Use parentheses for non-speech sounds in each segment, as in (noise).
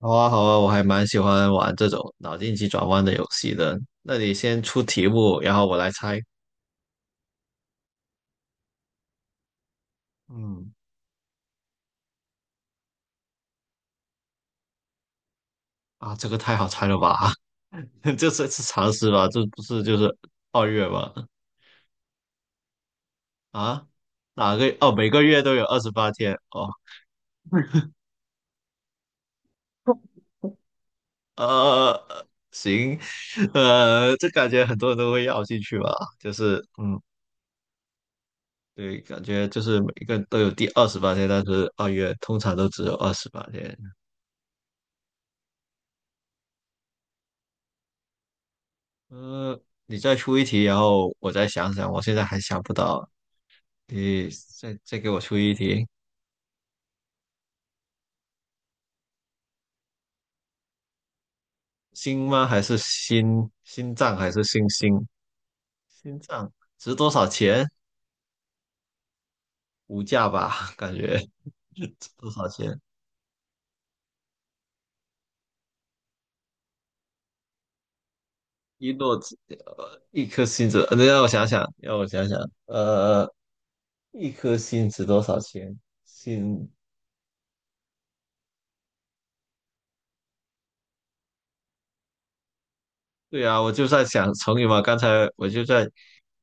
好啊，好啊，我还蛮喜欢玩这种脑筋急转弯的游戏的。那你先出题目，然后我来猜。嗯。啊，这个太好猜了吧？(laughs) 这常识吧？这不是二月吗？啊，哪个？哦，每个月都有二十八天。哦。呃，行。(laughs) 这感觉很多人都会要进去吧？就是，嗯，对，感觉就是每个人都有第二十八天，但是二月通常都只有二十八天。呃，你再出一题，然后我再想想，我现在还想不到。你再给我出一题。心吗？还是心？心脏还是星星？心脏值多少钱？无价吧，(laughs) 感觉值多少钱？一颗心子，让我想想，让我想想。呃，一颗心值多少钱？心。对啊，我就在想成语嘛，刚才我就在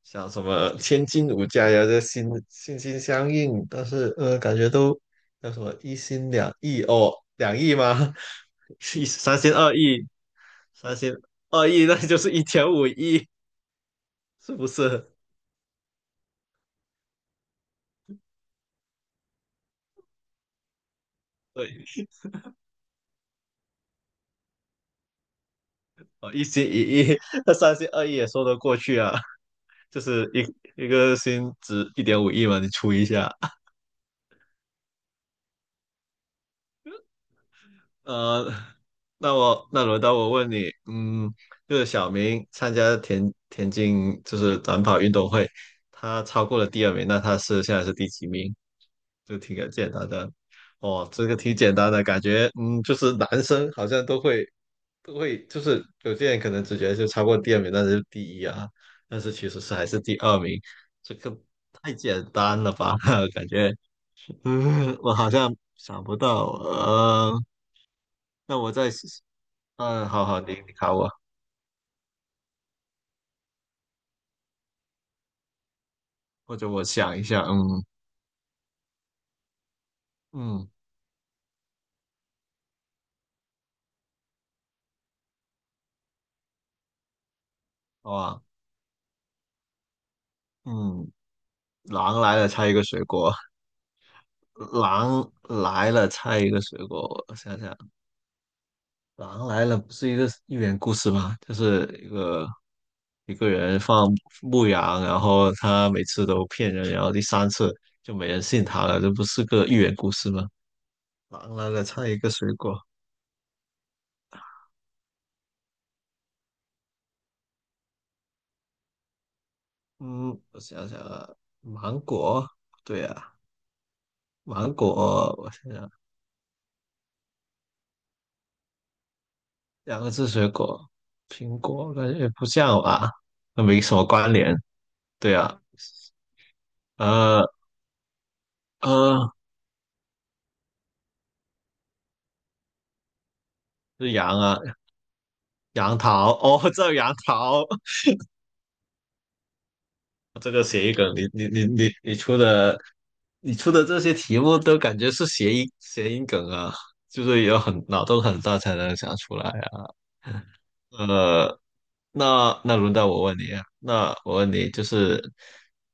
像什么千金无价呀，这心相印，但是感觉都叫什么一心两意哦，两意吗？(laughs) 是三心二意。三心二意那就是一点五亿，是不是？对。哦，一心一意。(laughs) 那三心二意也说得过去啊。就是一个心值一点五亿嘛，你除一下。呃，(laughs) 那轮到我问你，嗯，就是小明参加田径就是短跑运动会，他超过了第二名，那他现在是第几名？就挺简单的。哦，这个挺简单的感觉。嗯，就是男生好像都会，就是有些人可能直接就超过第二名，但是第一啊，但是其实是还是第二名。这个太简单了吧？(laughs) 感觉。我好像想不到。呃，那我再嗯，好，你考我。或者我想一下。嗯。嗯，好吧。嗯，狼来了，猜一个水果。狼来了，猜一个水果，我想想。狼来了不是一个寓言故事吗？一个人放牧羊，然后他每次都骗人，然后第三次就没人信他了，这不是个寓言故事吗？狼来了，猜一个水果。嗯，我想想啊，芒果，对啊，芒果，我想想。两个字水果，苹果感觉不像吧，那没什么关联。对啊。呃呃，是杨啊，杨桃哦，这杨桃。这个谐音梗，你出的，你出的这些题目都感觉是谐音梗啊，就是有很脑洞很大才能想出来啊。呃，那轮到我问你啊，那我问你，就是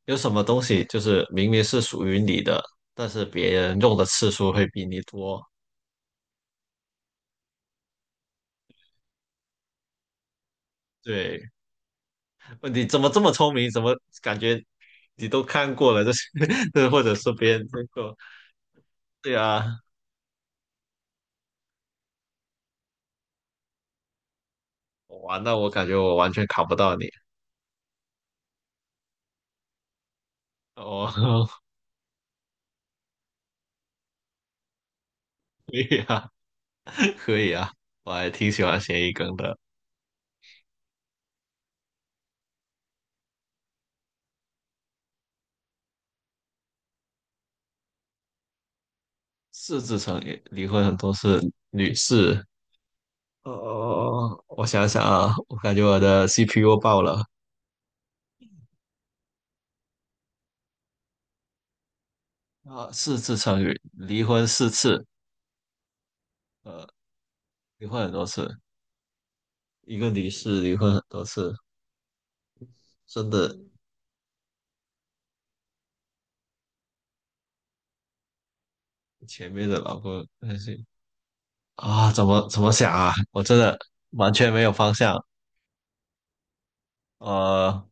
有什么东西，就是明明是属于你的，但是别人用的次数会比你多？对，问你怎么这么聪明？怎么感觉你都看过了？这是，(laughs) 这或者是别人看过？对啊，哇，那我感觉我完全考不到你。哦。(laughs) 可以啊，可以啊，我还挺喜欢谐音梗的。四字成语，离婚很多是女士。哦，哦我想想啊，我感觉我的 CPU 爆了。啊，四字成语，离婚四次。呃，离婚很多次。一个离世，离婚很多次，真的。前面的老公那些啊，怎么想啊？我真的完全没有方向。呃，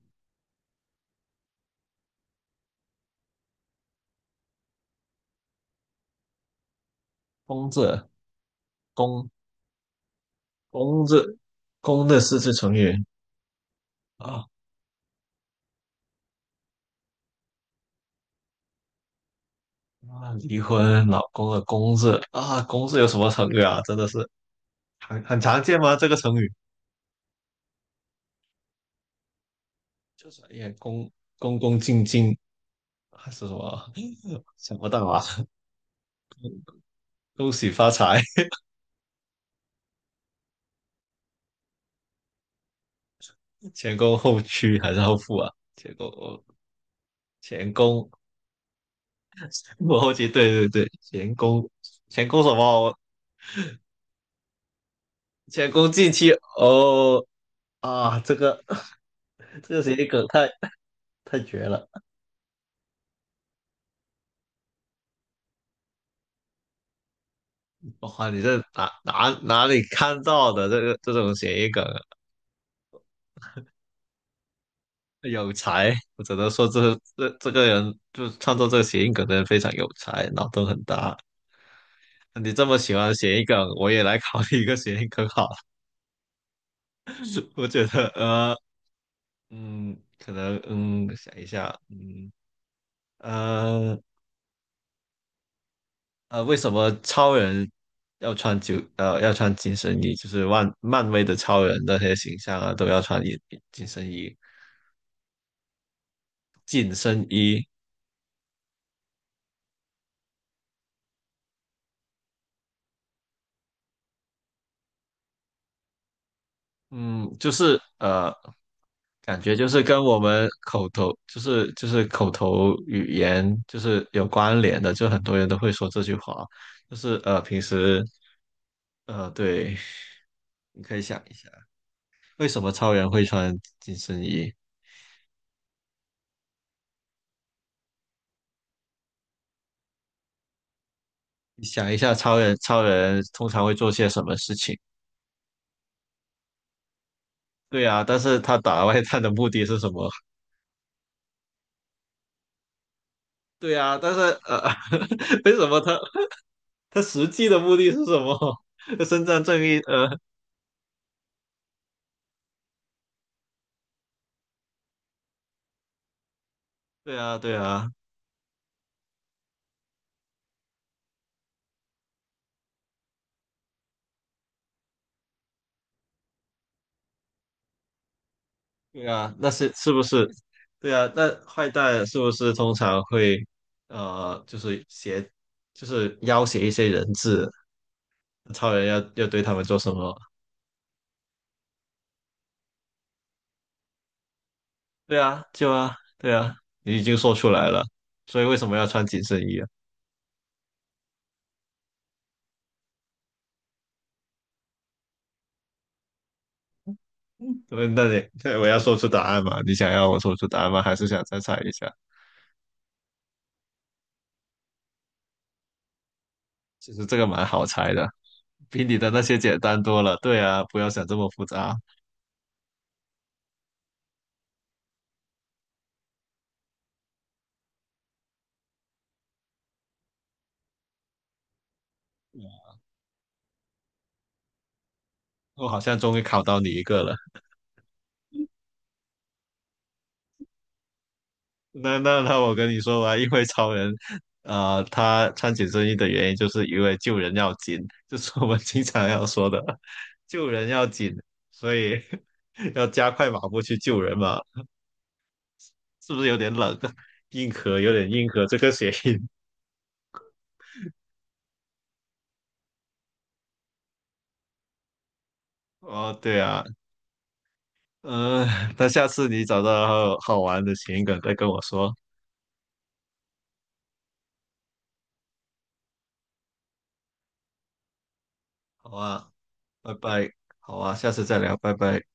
公字。公公字，公的四字成语啊。啊，离婚，老公的公字啊，公字有什么成语啊？真的是很常见吗？这个成语？就是也恭恭恭敬敬，还是什么？(laughs) 想不到啊！恭喜发财。前恭后趋还是后富啊？前恭，我后期对，前恭什么？前恭近期。哦啊，这个谐音梗太绝了！哇，你这哪里看到的这个这种谐音梗啊。有才，我只能说这这个人就是创作这个谐音梗的人非常有才，脑洞很大。你这么喜欢谐音梗，我也来考虑一个谐音梗好了。(laughs) 我觉得，可能，想一下呃，为什么超人要穿紧身衣？就是漫威的超人那些形象啊，都要穿紧身衣，紧身衣。嗯，就是呃，感觉就是跟我们口头，就是口头语言，就是有关联的，就很多人都会说这句话。就是平时对，你可以想一下，为什么超人会穿紧身衣？你想一下，超人通常会做些什么事情？对啊，但是他打外探的目的是什么？对啊，但是呃，(laughs) 为什么他他实际的目的是什么？(laughs) 伸张正义？对啊，对啊，对啊，那是是不是？对啊，那坏蛋是不是通常会呃，就是挟，就是要挟一些人质？超人要对他们做什么？对啊，就啊，对啊，你已经说出来了，所以为什么要穿紧身衣啊？对，那你，对，我要说出答案嘛？你想要我说出答案吗？还是想再猜一下？其实这个蛮好猜的，比你的那些简单多了。对啊，不要想这么复杂。我好像终于考到你一个了。那我跟你说吧，因为超人他穿紧身衣的原因就是因为救人要紧，就是我们经常要说的，救人要紧，所以 (laughs) 要加快马步去救人嘛。是不是有点冷？(laughs) 硬核这个谐音。(laughs) 哦，对啊。嗯、那下次你找到好玩的谐音梗再跟我说。好啊，拜拜。好啊，下次再聊，拜拜。